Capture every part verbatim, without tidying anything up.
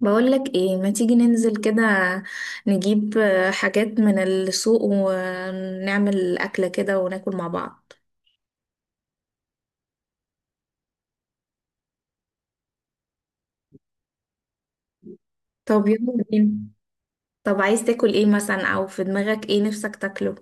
بقولك ايه ما تيجي ننزل كده نجيب آه، حاجات من السوق ونعمل أكلة كده وناكل مع بعض. طب يلا بينا. طب عايز تاكل ايه مثلا او في دماغك ايه نفسك تاكله؟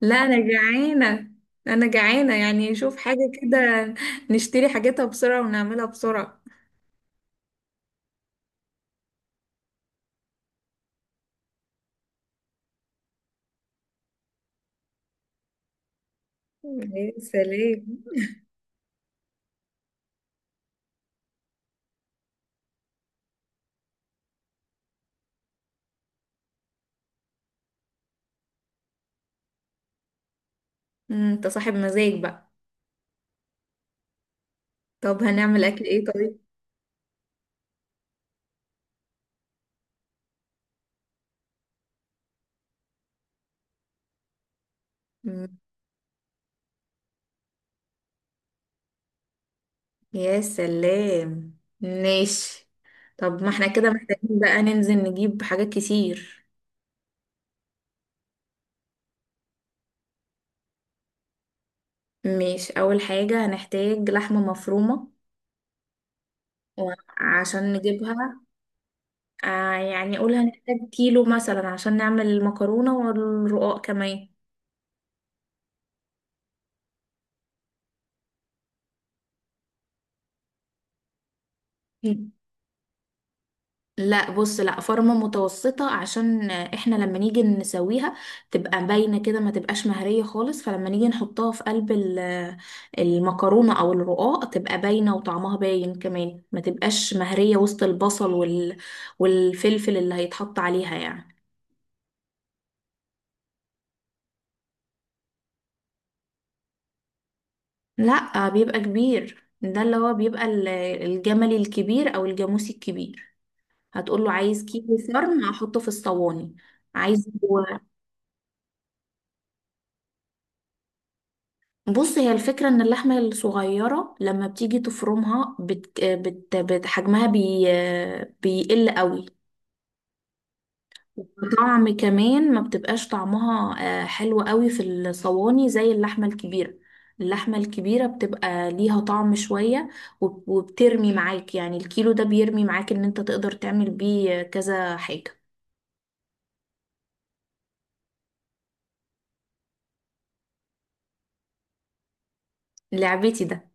لا انا جعانة. انا جعانة يعني شوف حاجة كده، نشتري حاجتها بسرعة ونعملها بسرعة. يا سلام. مم، انت صاحب مزاج بقى. طب هنعمل اكل ايه؟ طيب. يا سلام ماشي. طب ما احنا كده محتاجين بقى ننزل نجيب حاجات كتير. ماشي، اول حاجة هنحتاج لحمة مفرومة وعشان نجيبها آه يعني قول هنحتاج كيلو مثلا عشان نعمل المكرونة والرقاق كمان. لا بص، لا فورمة متوسطة عشان احنا لما نيجي نسويها تبقى باينة كده، ما تبقاش مهرية خالص، فلما نيجي نحطها في قلب ال- المكرونة او الرقاق تبقى باينة وطعمها باين كمان، ما تبقاش مهرية وسط البصل وال... والفلفل اللي هيتحط عليها يعني. لا بيبقى كبير، ده اللي هو بيبقى ال- الجملي الكبير او الجاموسي الكبير. هتقول له عايز كيلو فرن احطه في الصواني. عايز، بص هي الفكرة ان اللحمة الصغيرة لما بتيجي تفرمها بت... بت... بت... حجمها بي... بيقل قوي، وطعم كمان ما بتبقاش طعمها آه، حلو قوي في الصواني زي اللحمة الكبيرة. اللحمة الكبيرة بتبقى ليها طعم شوية وب- وبترمي معاك، يعني الكيلو ده بيرمي معاك ان انت تقدر تعمل بيه كذا حاجة. لعبتي ده.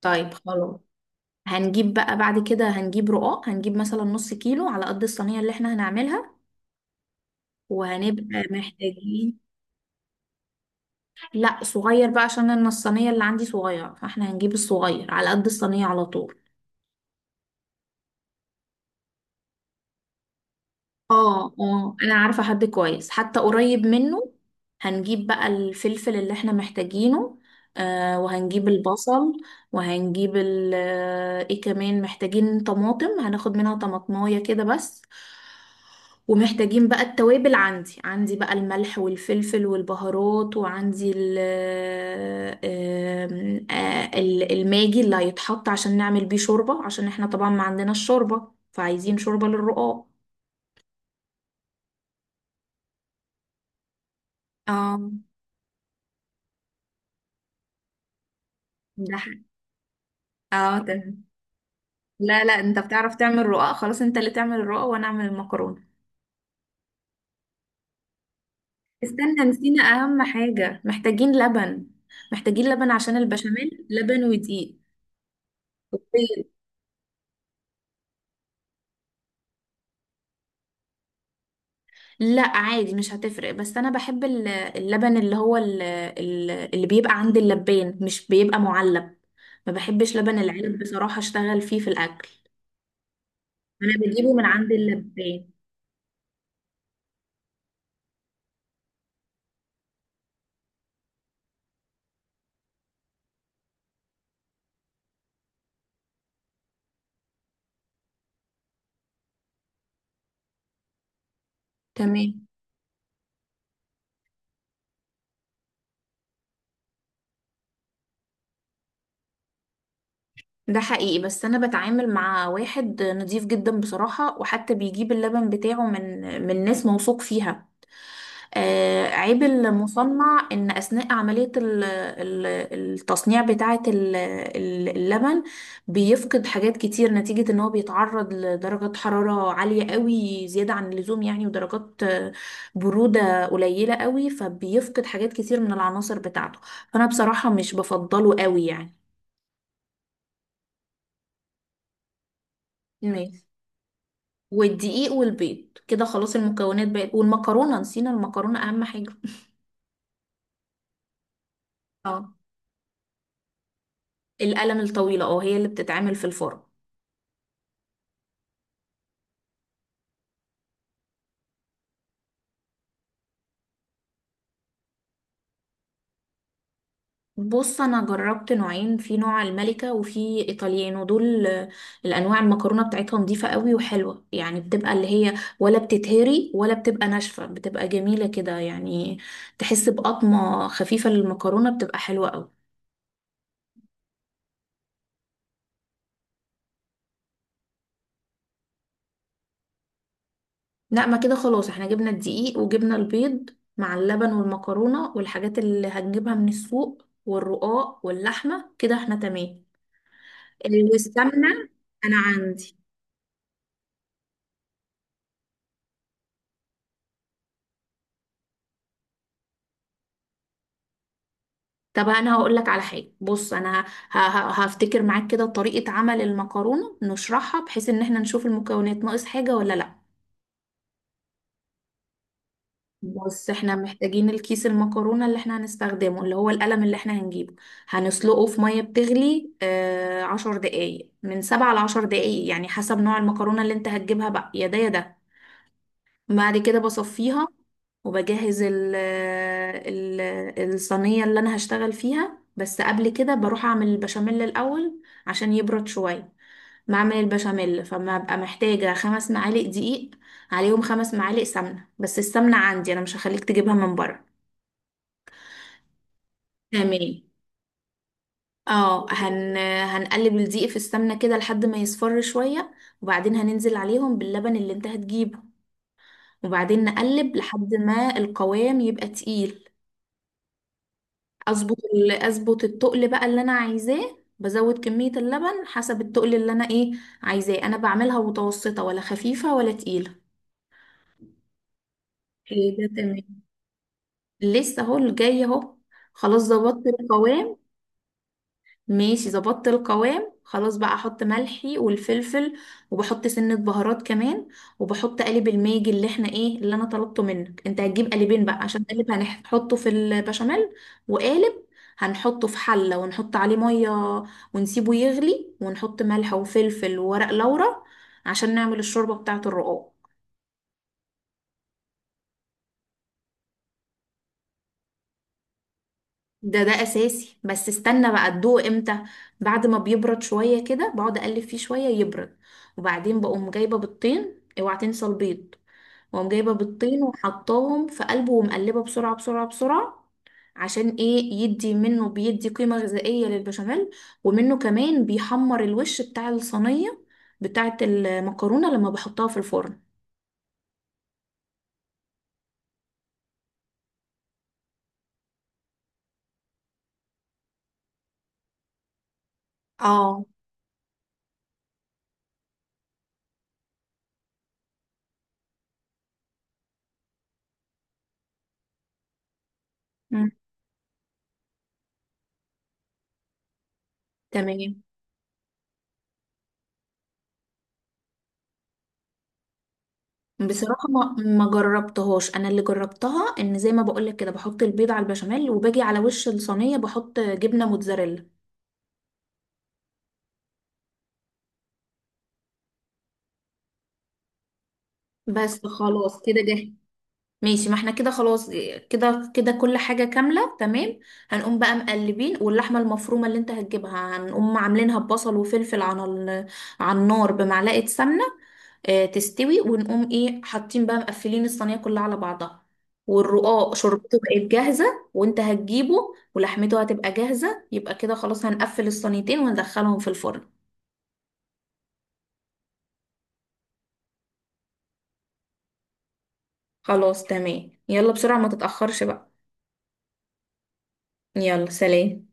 طيب خلاص. هنجيب بقى بعد كده، هنجيب رقاق، هنجيب مثلا نص كيلو على قد الصينية اللي احنا هنعملها وهنبقى محتاجين. لا صغير بقى عشان أنا الصينية اللي عندي صغيرة، فاحنا هنجيب الصغير على قد الصينية على طول. اه اه انا عارفة حد كويس حتى قريب منه. هنجيب بقى الفلفل اللي احنا محتاجينه، آه وهنجيب البصل، وهنجيب ال آه، ايه، كمان محتاجين طماطم، هناخد منها طماطماية كده بس، ومحتاجين بقى التوابل، عندي عندي بقى الملح والفلفل والبهارات وعندي ال آه، آم، آه، ال- الماجي اللي هيتحط عشان نعمل بيه شوربة، عشان احنا طبعا ما عندناش شوربة فعايزين شوربة للرقاق. اه. ده حق. اه تمام. لا لا انت بتعرف تعمل رقاق، خلاص انت اللي تعمل الرقاق وانا اعمل المكرونه. استنى، نسينا اهم حاجه، محتاجين لبن. محتاجين لبن عشان البشاميل، لبن ودقيق وبيض. لا عادي مش هتفرق، بس انا بحب ال- اللبن اللي هو ال- ال- اللي بيبقى عند اللبان مش بيبقى معلب. ما بحبش لبن العلب بصراحه، اشتغل فيه في الاكل. انا بجيبه من عند اللبان. تمام. ده حقيقي بس انا بتعامل مع واحد نضيف جدا بصراحة، وحتى بيجيب اللبن بتاعه من من ناس موثوق فيها. آه، عيب المصنع ان اثناء عملية ال- ال- التصنيع بتاعة ال- ال- اللبن بيفقد حاجات كتير نتيجة ان هو بيتعرض لدرجة حرارة عالية قوي زيادة عن اللزوم يعني، ودرجات آه، برودة قليلة قوي، فبيفقد حاجات كتير من العناصر بتاعته، فانا بصراحة مش بفضله قوي يعني. ماشي. والدقيق والبيض كده خلاص المكونات بقت، والمكرونة، نسينا المكرونة أهم حاجة. اه القلم الطويلة، اه هي اللي بتتعمل في الفرن. بص أنا جربت نوعين، في نوع الملكة وفي إيطاليانو، دول آه، الأنواع المكرونة بتاعتها نظيفة قوي وحلوة يعني، بتبقى اللي هي ولا بتتهري ولا بتبقى ناشفة، بتبقى جميلة كده يعني، تحس بقطمة خفيفة للمكرونة، بتبقى حلوة قوي. لا ما كده خلاص، احنا جبنا الدقيق وجبنا البيض مع اللبن والمكرونة والحاجات اللي هنجيبها من السوق والرقاق واللحمة، كده احنا تمام. والسمنة انا عندي. طب انا هقول لك على حاجة، بص انا ه- ه- هفتكر معاك كده طريقة عمل المكرونة نشرحها بحيث ان احنا نشوف المكونات ناقص حاجة ولا لا. بص احنا محتاجين الكيس المكرونة اللي احنا هنستخدمه اللي هو القلم اللي احنا هنجيبه، هنسلقه في مية بتغلي آه عشر دقايق، من سبعة لعشر دقايق يعني حسب نوع المكرونة اللي انت هتجيبها بقى، يا ده يا ده. بعد كده بصفيها وبجهز ال ال الصينية اللي انا هشتغل فيها، بس قبل كده بروح اعمل البشاميل الاول عشان يبرد شوية. بعمل البشاميل فما ببقى محتاجة خمس معالق دقيق، عليهم خمس معالق سمنة، بس السمنة عندي أنا مش هخليك تجيبها من بره. تمام. اه هن... هنقلب الدقيق في السمنة كده لحد ما يصفر شوية، وبعدين هننزل عليهم باللبن اللي انت هتجيبه، وبعدين نقلب لحد ما القوام يبقى تقيل. اظبط ال... اظبط التقل بقى اللي انا عايزاه، بزود كمية اللبن حسب التقل اللي انا ايه عايزاه، انا بعملها متوسطة ولا خفيفة ولا تقيلة. اوكي ده تمام. لسه اهو الجاي اهو. خلاص ظبطت القوام. ماشي ظبطت القوام خلاص، بقى احط ملحي والفلفل، وبحط سنة بهارات كمان، وبحط قالب الماجي اللي احنا ايه اللي انا طلبته منك، انت هتجيب قالبين بقى، عشان قالب هنحطه في البشاميل، وقالب هنحطه في حلة ونحط عليه مية ونسيبه يغلي، ونحط ملح وفلفل وورق لورا عشان نعمل الشوربة بتاعة الرقاق. ده ده اساسي، بس استنى بقى ادوقه امتى. بعد ما بيبرد شويه كده بقعد اقلب فيه شويه يبرد، وبعدين بقوم جايبه بيضتين، اوعى تنسى البيض، واقوم جايبه بيضتين وحطاهم في قلبه ومقلبه بسرعه بسرعه بسرعه، عشان ايه؟ يدي منه بيدي قيمه غذائيه للبشاميل، ومنه كمان بيحمر الوش بتاع الصينيه بتاعه المكرونه لما بحطها في الفرن. اه. مم. تمام. بصراحة ما ما جربتهاش، انا اللي جربتها ان زي ما بقولك كده بحط البيض على البشاميل، وباجي على وش الصينية بحط جبنة موتزاريلا. بس خلاص كده جاهز. ماشي ما احنا كده خلاص، كده كده كل حاجة كاملة تمام. هنقوم بقى مقلبين، واللحمة المفرومة اللي انت هتجيبها هنقوم عاملينها ببصل وفلفل على ال- على النار بمعلقة سمنة، اه تستوي، ونقوم ايه حاطين بقى مقفلين الصينية كلها على بعضها، والرقاق شربته بقت جاهزة وانت هتجيبه ولحمته هتبقى جاهزة، يبقى كده خلاص هنقفل الصينيتين وندخلهم في الفرن. خلاص تمام، يلا بسرعة ما تتأخرش بقى. يلا سلام.